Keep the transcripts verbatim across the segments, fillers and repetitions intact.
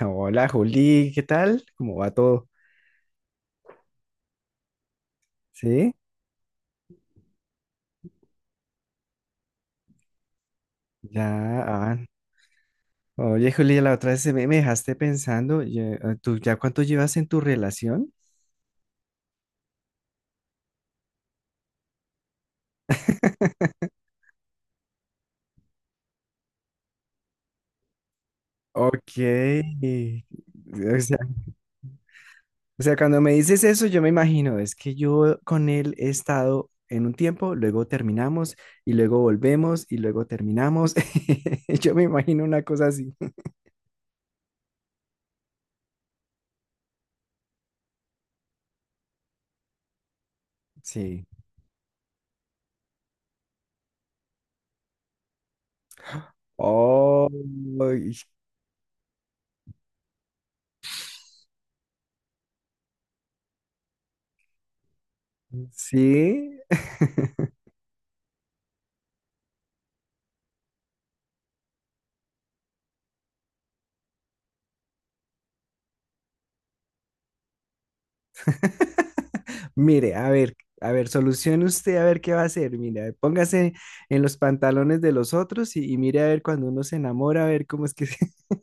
Hola Juli, ¿qué tal? ¿Cómo va todo? ¿Sí? Ya, ah, oye Juli, la otra vez se me me dejaste pensando, ya- ah, ¿tú ya cuánto llevas en tu relación? Ok, o sea, o sea, cuando me dices eso yo me imagino, es que yo con él he estado en un tiempo, luego terminamos y luego volvemos y luego terminamos. Yo me imagino una cosa así. Sí. Oh, y- sí. Mire, a ver, a ver, solucione usted a ver qué va a hacer. Mire, póngase en los pantalones de los otros y, y mire a ver cuando uno se enamora, a ver cómo es que se-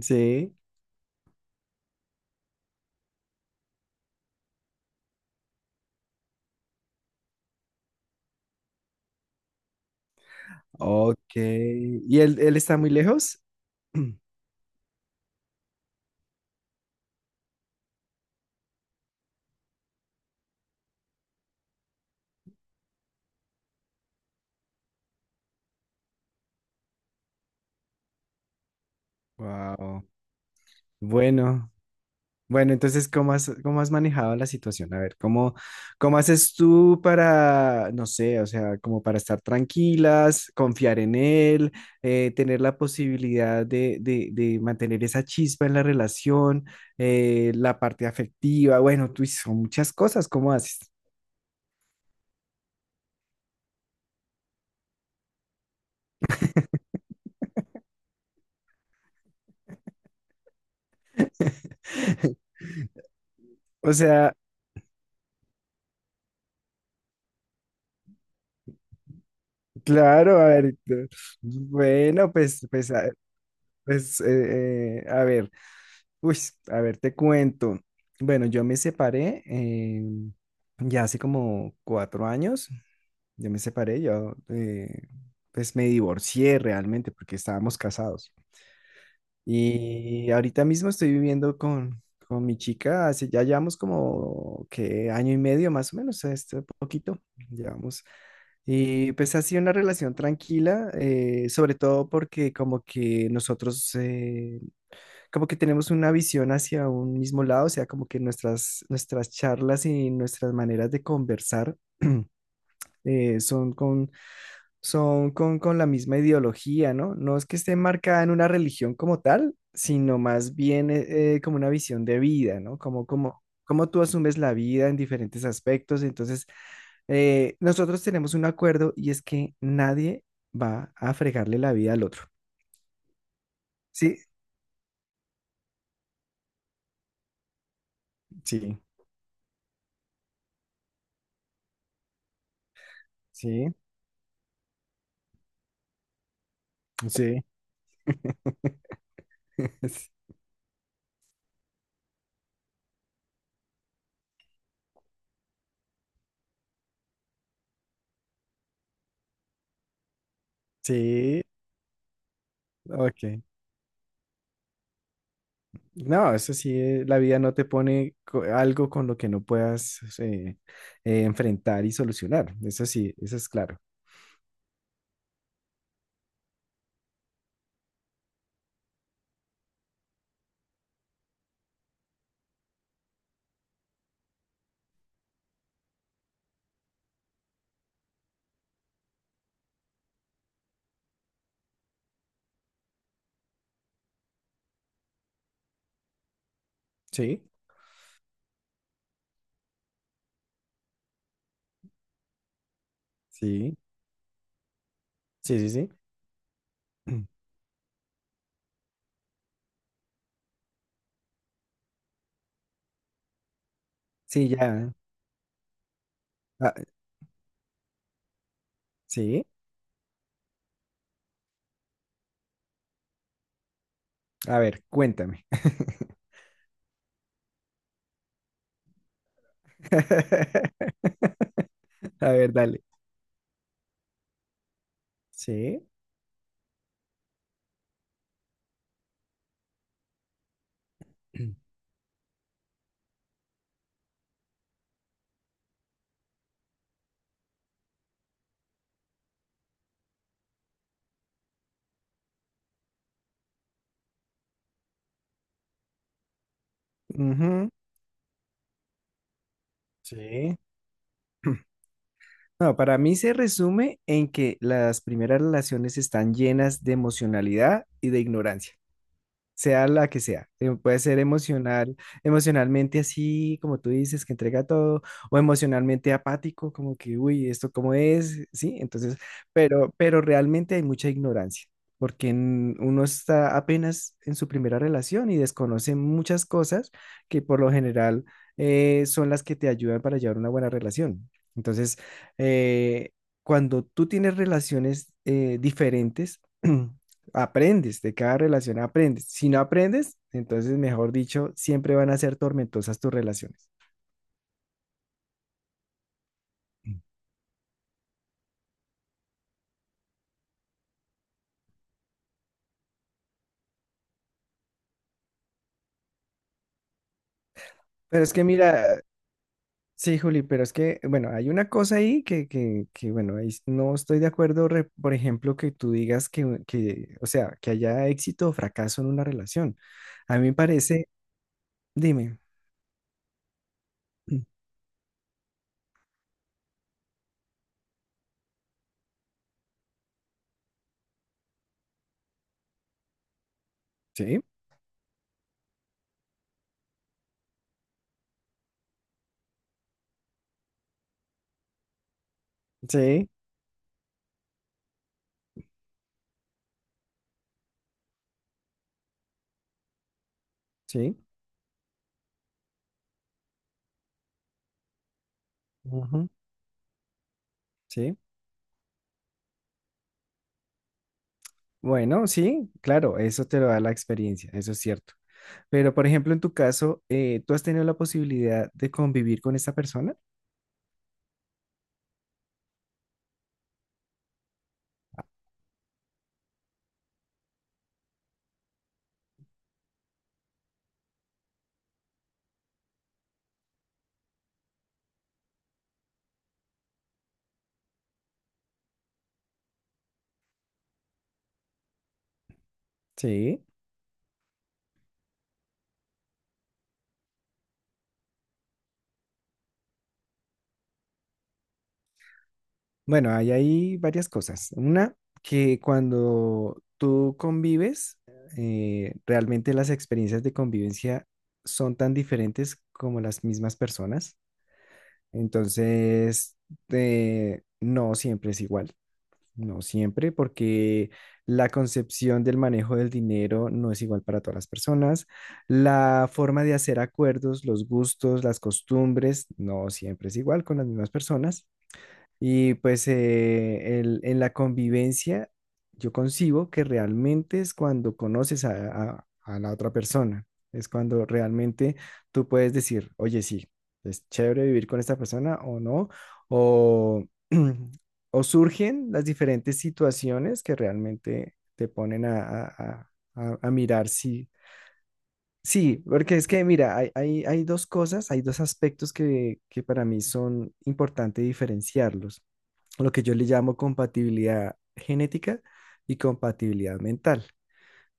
Sí, ok. ¿Y él, él está muy lejos? Wow. Bueno. Bueno, entonces, ¿cómo has, cómo has manejado la situación? A ver, ¿cómo, cómo haces tú para, no sé, o sea, como para estar tranquilas, confiar en él, eh, tener la posibilidad de, de- de mantener esa chispa en la relación, eh, la parte afectiva? Bueno, tú son muchas cosas, ¿cómo haces? O sea, claro, a ver, eh, bueno, pues, pues, a, pues, eh, eh, a ver. Uy, a ver, te cuento. Bueno, yo me separé eh, ya hace como cuatro años. Yo me separé, yo eh, pues me divorcié realmente porque estábamos casados. Y ahorita mismo estoy viviendo con, con mi chica, hace, ya llevamos como que año y medio más o menos, este poquito llevamos. Y pues ha sido una relación tranquila, eh, sobre todo porque como que nosotros, eh, como que tenemos una visión hacia un mismo lado, o sea, como que nuestras, nuestras charlas y nuestras maneras de conversar eh, son con, son con, con la misma ideología, ¿no? No es que esté marcada en una religión como tal, sino más bien eh, eh, como una visión de vida, ¿no? Como, como, como tú asumes la vida en diferentes aspectos, entonces... Eh, nosotros tenemos un acuerdo y es que nadie va a fregarle la vida al otro. Sí, sí, sí, sí, sí, Ok. No, eso sí, eh, la vida no te pone co- algo con lo que no puedas eh, eh, enfrentar y solucionar. Eso sí, eso es claro. Sí, sí, sí, sí, sí. Sí, ya. Ah, sí. A ver, cuéntame. A ver, dale. Sí. Ujú, sí. No, para mí se resume en que las primeras relaciones están llenas de emocionalidad y de ignorancia. Sea la que sea. eh, Puede ser emocional, emocionalmente así, como tú dices, que entrega todo, o emocionalmente apático, como que, uy, ¿esto cómo es? Sí, entonces, pero, pero realmente hay mucha ignorancia, porque en- uno está apenas en su primera relación y desconoce muchas cosas que por lo general eh, son las que te ayudan para llevar una buena relación. Entonces, eh, cuando tú tienes relaciones eh, diferentes, aprendes, de cada relación aprendes. Si no aprendes, entonces, mejor dicho, siempre van a ser tormentosas tus relaciones. Mm. Pero es que mira, sí, Juli, pero es que, bueno, hay una cosa ahí que, que, que bueno, ahí no estoy de acuerdo, re- por ejemplo, que tú digas que, que, o sea, que haya éxito o fracaso en una relación. A mí me parece, dime, mm. Sí, sí, sí, ujú, sí. Bueno, sí, claro, eso te lo da la experiencia, eso es cierto. Pero, por ejemplo, en tu caso, eh, ¿tú has tenido la posibilidad de convivir con esta persona? Sí. Bueno, hay ahí varias cosas. Una, que cuando tú convives, eh, realmente las experiencias de convivencia son tan diferentes como las mismas personas. Entonces, eh, no siempre es igual. No siempre, porque la concepción del manejo del dinero no es igual para todas las personas. La forma de hacer acuerdos, los gustos, las costumbres, no siempre es igual con las mismas personas. Y pues eh, el- en la convivencia yo concibo que realmente es cuando conoces a, a- a la otra persona, es cuando realmente tú puedes decir, oye, sí, es chévere vivir con esta persona o no, o, o surgen las diferentes situaciones que realmente te ponen a, a- a- a- a mirar si... Sí, porque es que mira, hay, hay, hay dos cosas, hay dos aspectos que, que para mí son importantes diferenciarlos lo que yo le llamo compatibilidad genética y compatibilidad mental.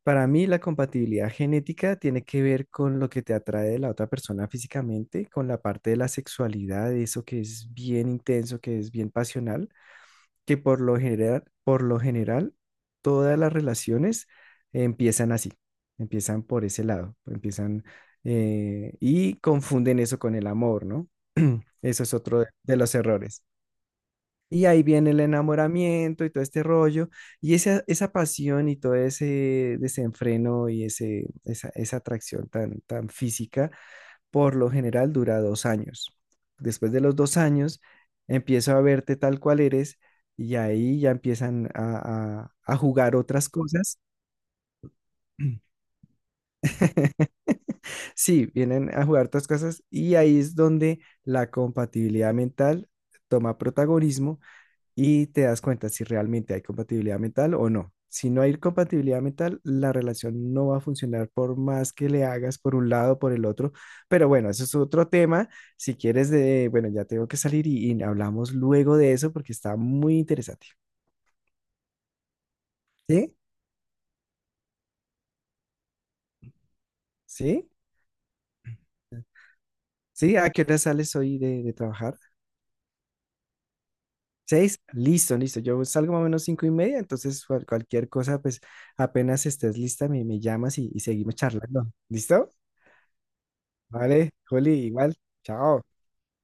Para mí, la compatibilidad genética tiene que ver con lo que te atrae de la otra persona físicamente, con la parte de la sexualidad, eso que es bien intenso, que es bien pasional, que por lo general, por lo general, todas las relaciones empiezan así, empiezan por ese lado, empiezan eh, y confunden eso con el amor, ¿no? Eso es otro de de los errores. Y ahí viene el enamoramiento y todo este rollo, y esa, esa pasión y todo ese desenfreno y ese, esa, esa atracción tan, tan física, por lo general dura dos años. Después de los dos años, empiezo a verte tal cual eres y ahí ya empiezan a, a a jugar otras cosas. Sí, vienen a jugar otras cosas y ahí es donde la compatibilidad mental toma protagonismo y te das cuenta si realmente hay compatibilidad mental o no. Si no hay compatibilidad mental, la relación no va a funcionar por más que le hagas por un lado o por el otro. Pero bueno, eso es otro tema. Si quieres, de, bueno, ya tengo que salir y, y hablamos luego de eso porque está muy interesante. ¿Sí? ¿Sí? ¿Sí? ¿A qué hora sales hoy de, de trabajar? Seis, listo, listo. Yo salgo más o menos cinco y media, entonces cual- cualquier cosa, pues apenas estés lista, me, me llamas y, y seguimos charlando. ¿Listo? Vale, Juli, igual. Chao.